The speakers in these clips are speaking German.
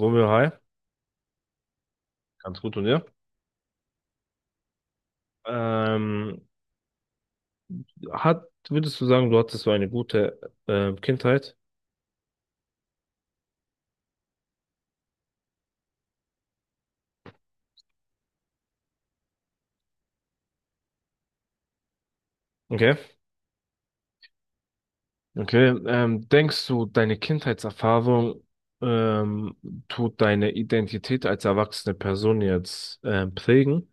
Romeo, hi. Ganz gut und dir? Ähm, hat, würdest du sagen, du hattest so eine gute Kindheit? Okay. Okay. Denkst du, deine Kindheitserfahrung ähm, tut deine Identität als erwachsene Person jetzt prägen?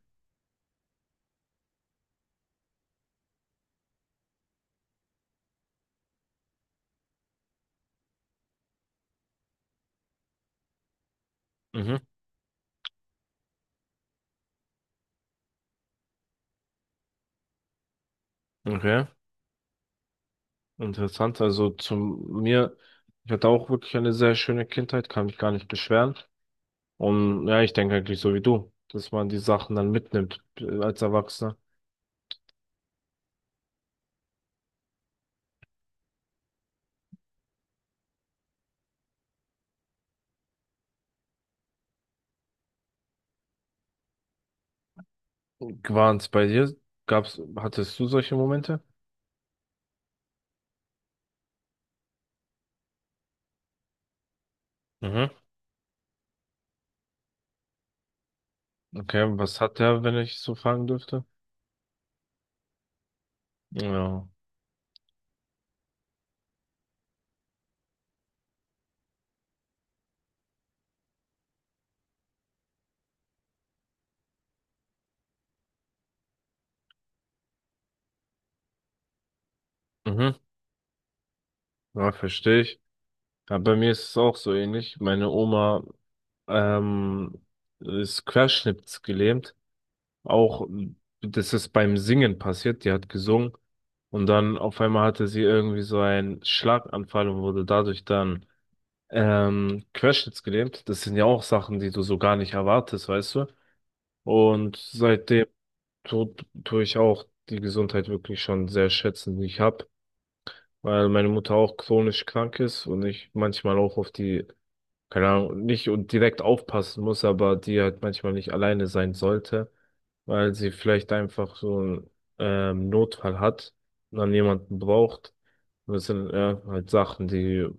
Mhm. Okay. Interessant. Also zu mir, ich hatte auch wirklich eine sehr schöne Kindheit, kann mich gar nicht beschweren. Und ja, ich denke eigentlich so wie du, dass man die Sachen dann mitnimmt als Erwachsener. War's bei dir? Gab's, hattest du solche Momente? Mhm. Okay, was hat der, wenn ich so fragen dürfte? Ja. Mhm. Ja, verstehe ich. Ja, bei mir ist es auch so ähnlich. Meine Oma ähm, ist querschnittsgelähmt. Auch das ist beim Singen passiert. Die hat gesungen und dann auf einmal hatte sie irgendwie so einen Schlaganfall und wurde dadurch dann Querschnitts gelähmt. Das sind ja auch Sachen, die du so gar nicht erwartest, weißt du? Und seitdem tue ich auch die Gesundheit wirklich schon sehr schätzen, die ich habe, weil meine Mutter auch chronisch krank ist und ich manchmal auch auf die, keine Ahnung, nicht und direkt aufpassen muss, aber die halt manchmal nicht alleine sein sollte, weil sie vielleicht einfach so einen Notfall hat und dann jemanden braucht. Und das sind ja halt Sachen, die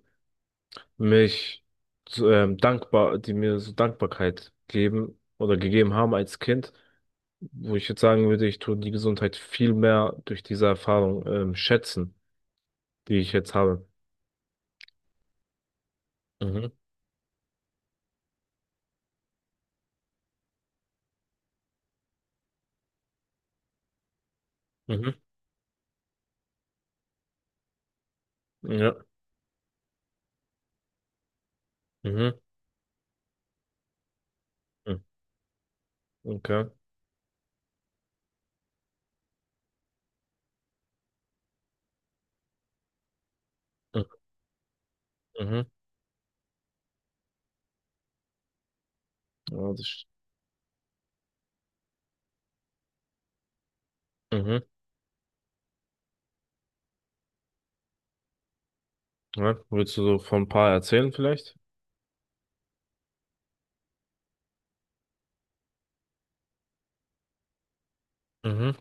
mich so, dankbar, die mir so Dankbarkeit geben oder gegeben haben als Kind, wo ich jetzt sagen würde, ich tue die Gesundheit viel mehr durch diese Erfahrung schätzen, die ich jetzt habe. Mhm, mhm, ja, mhm, mhm, okay, mhm, mhm, ja, mhm, ja. Willst du so von ein paar erzählen vielleicht? Mhm,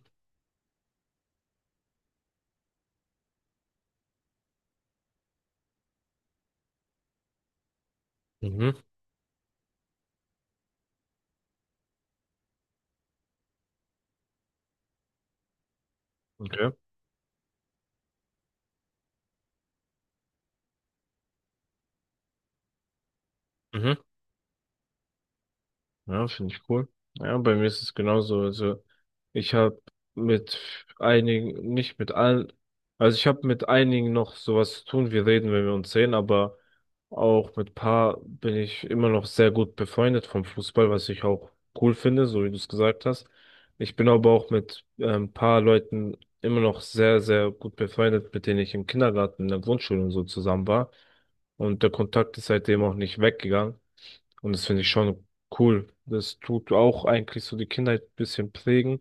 mhm, okay, mhm. Ja, finde ich cool. Ja, bei mir ist es genauso. Also ich habe mit einigen, nicht mit allen, also ich habe mit einigen noch sowas zu tun. Wir reden, wenn wir uns sehen, aber auch mit paar bin ich immer noch sehr gut befreundet vom Fußball, was ich auch cool finde, so wie du es gesagt hast. Ich bin aber auch mit ein paar Leuten immer noch sehr, sehr gut befreundet, mit denen ich im Kindergarten, in der Grundschule und so zusammen war. Und der Kontakt ist seitdem auch nicht weggegangen. Und das finde ich schon cool. Das tut auch eigentlich so die Kindheit ein bisschen prägen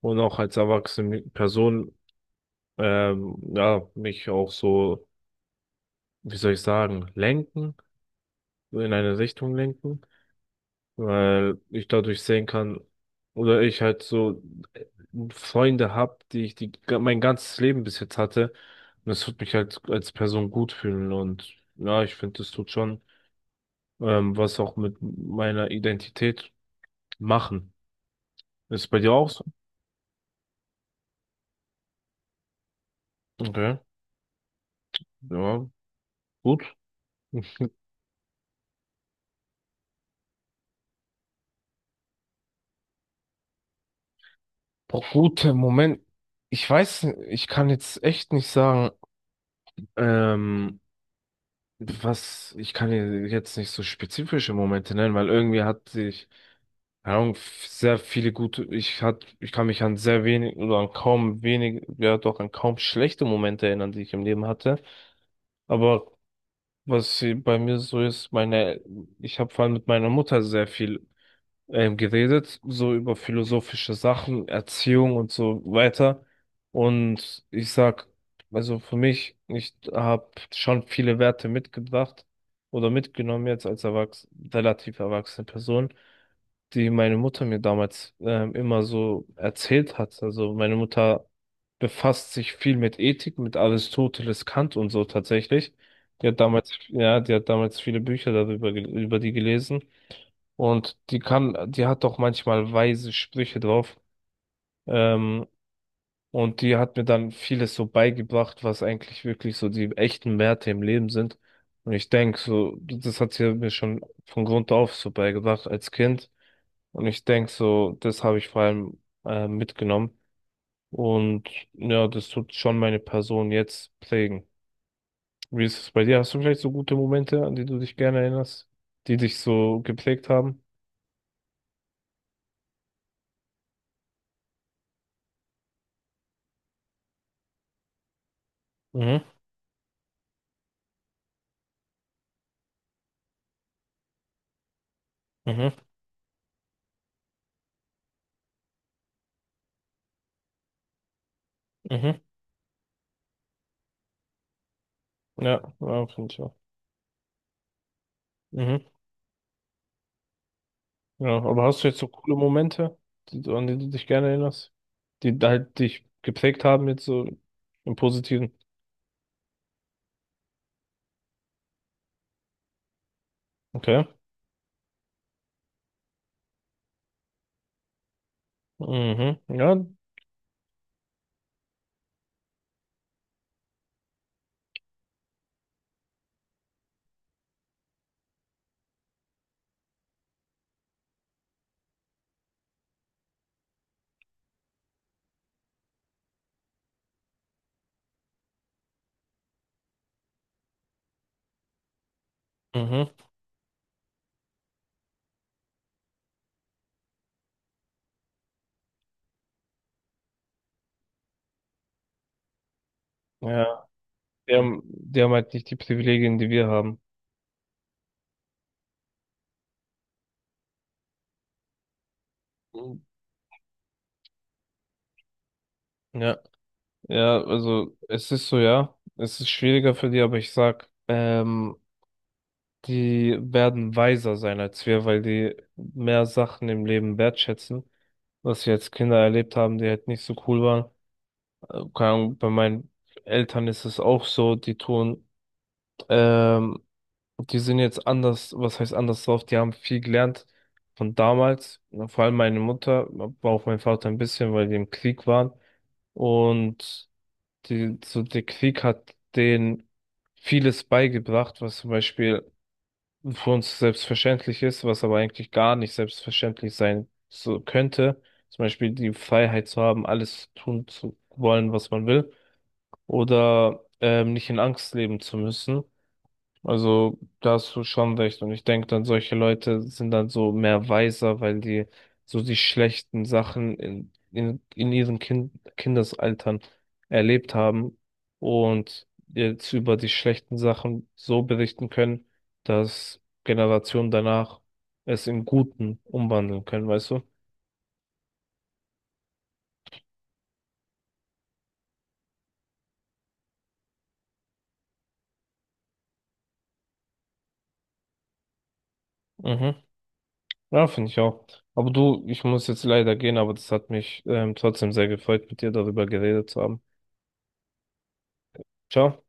und auch als erwachsene Person, ja, mich auch so, wie soll ich sagen, lenken, so in eine Richtung lenken, weil ich dadurch sehen kann, oder ich halt so äh, Freunde hab, mein ganzes Leben bis jetzt hatte. Und das tut mich halt als Person gut fühlen und ja, ich finde, das tut schon, was auch mit meiner Identität machen. Ist bei dir auch so? Okay. Ja, gut. Boah, gut, Moment. Ich weiß, ich kann jetzt echt nicht sagen, ähm, was, ich kann dir jetzt nicht so spezifische Momente nennen, weil irgendwie hatte ich, keine Ahnung, sehr viele gute, ich kann mich an sehr wenig oder an kaum wenig, ja doch an kaum schlechte Momente erinnern, die ich im Leben hatte. Aber bei mir so ist, ich habe vor allem mit meiner Mutter sehr viel geredet, so über philosophische Sachen, Erziehung und so weiter. Und ich sag, also für mich, ich habe schon viele Werte mitgebracht oder mitgenommen jetzt als erwachs relativ erwachsene Person, die meine Mutter mir damals immer so erzählt hat. Also meine Mutter befasst sich viel mit Ethik, mit Aristoteles, Kant und so tatsächlich. Die hat damals, ja, die hat damals viele Bücher darüber, über die gelesen. Und die kam, die hat doch manchmal weise Sprüche drauf. Ähm, und die hat mir dann vieles so beigebracht, was eigentlich wirklich so die echten Werte im Leben sind. Und ich denke so, das hat sie mir schon von Grund auf so beigebracht als Kind. Und ich denke so, das habe ich vor allem mitgenommen. Und ja, das tut schon meine Person jetzt prägen. Wie ist es bei dir? Hast du vielleicht so gute Momente, an die du dich gerne erinnerst, die dich so geprägt haben? Mhm, mhm, mhm. Ja, ja, finde ich auch. Mhm. Ja, aber hast du jetzt so coole Momente, die, an die du dich gerne erinnerst, die halt dich geprägt haben, jetzt so im Positiven? Okay. Mhm. Ja. Mhm. Ja. Die haben halt nicht die Privilegien, die wir haben. Mhm. Ja. Ja, also es ist so, ja. Es ist schwieriger für die, aber ich sag, die werden weiser sein als wir, weil die mehr Sachen im Leben wertschätzen, was wir als Kinder erlebt haben, die halt nicht so cool waren. Keine Ahnung, bei meinen Eltern ist es auch so, die tun, ähm, die sind jetzt anders, was heißt anders drauf, die haben viel gelernt von damals, vor allem meine Mutter, aber auch mein Vater ein bisschen, weil die im Krieg waren und die, so der Krieg hat denen vieles beigebracht, was zum Beispiel für uns selbstverständlich ist, was aber eigentlich gar nicht selbstverständlich sein so könnte. Zum Beispiel die Freiheit zu haben, alles tun zu wollen, was man will oder nicht in Angst leben zu müssen. Also da hast du schon recht. Und ich denke dann, solche Leute sind dann so mehr weiser, weil die so die schlechten Sachen in ihren Kindesaltern erlebt haben und jetzt über die schlechten Sachen so berichten können, dass Generationen danach es in Guten umwandeln können, weißt du? Mhm. Ja, finde ich auch. Aber du, ich muss jetzt leider gehen, aber das hat mich trotzdem sehr gefreut, mit dir darüber geredet zu haben. Ciao.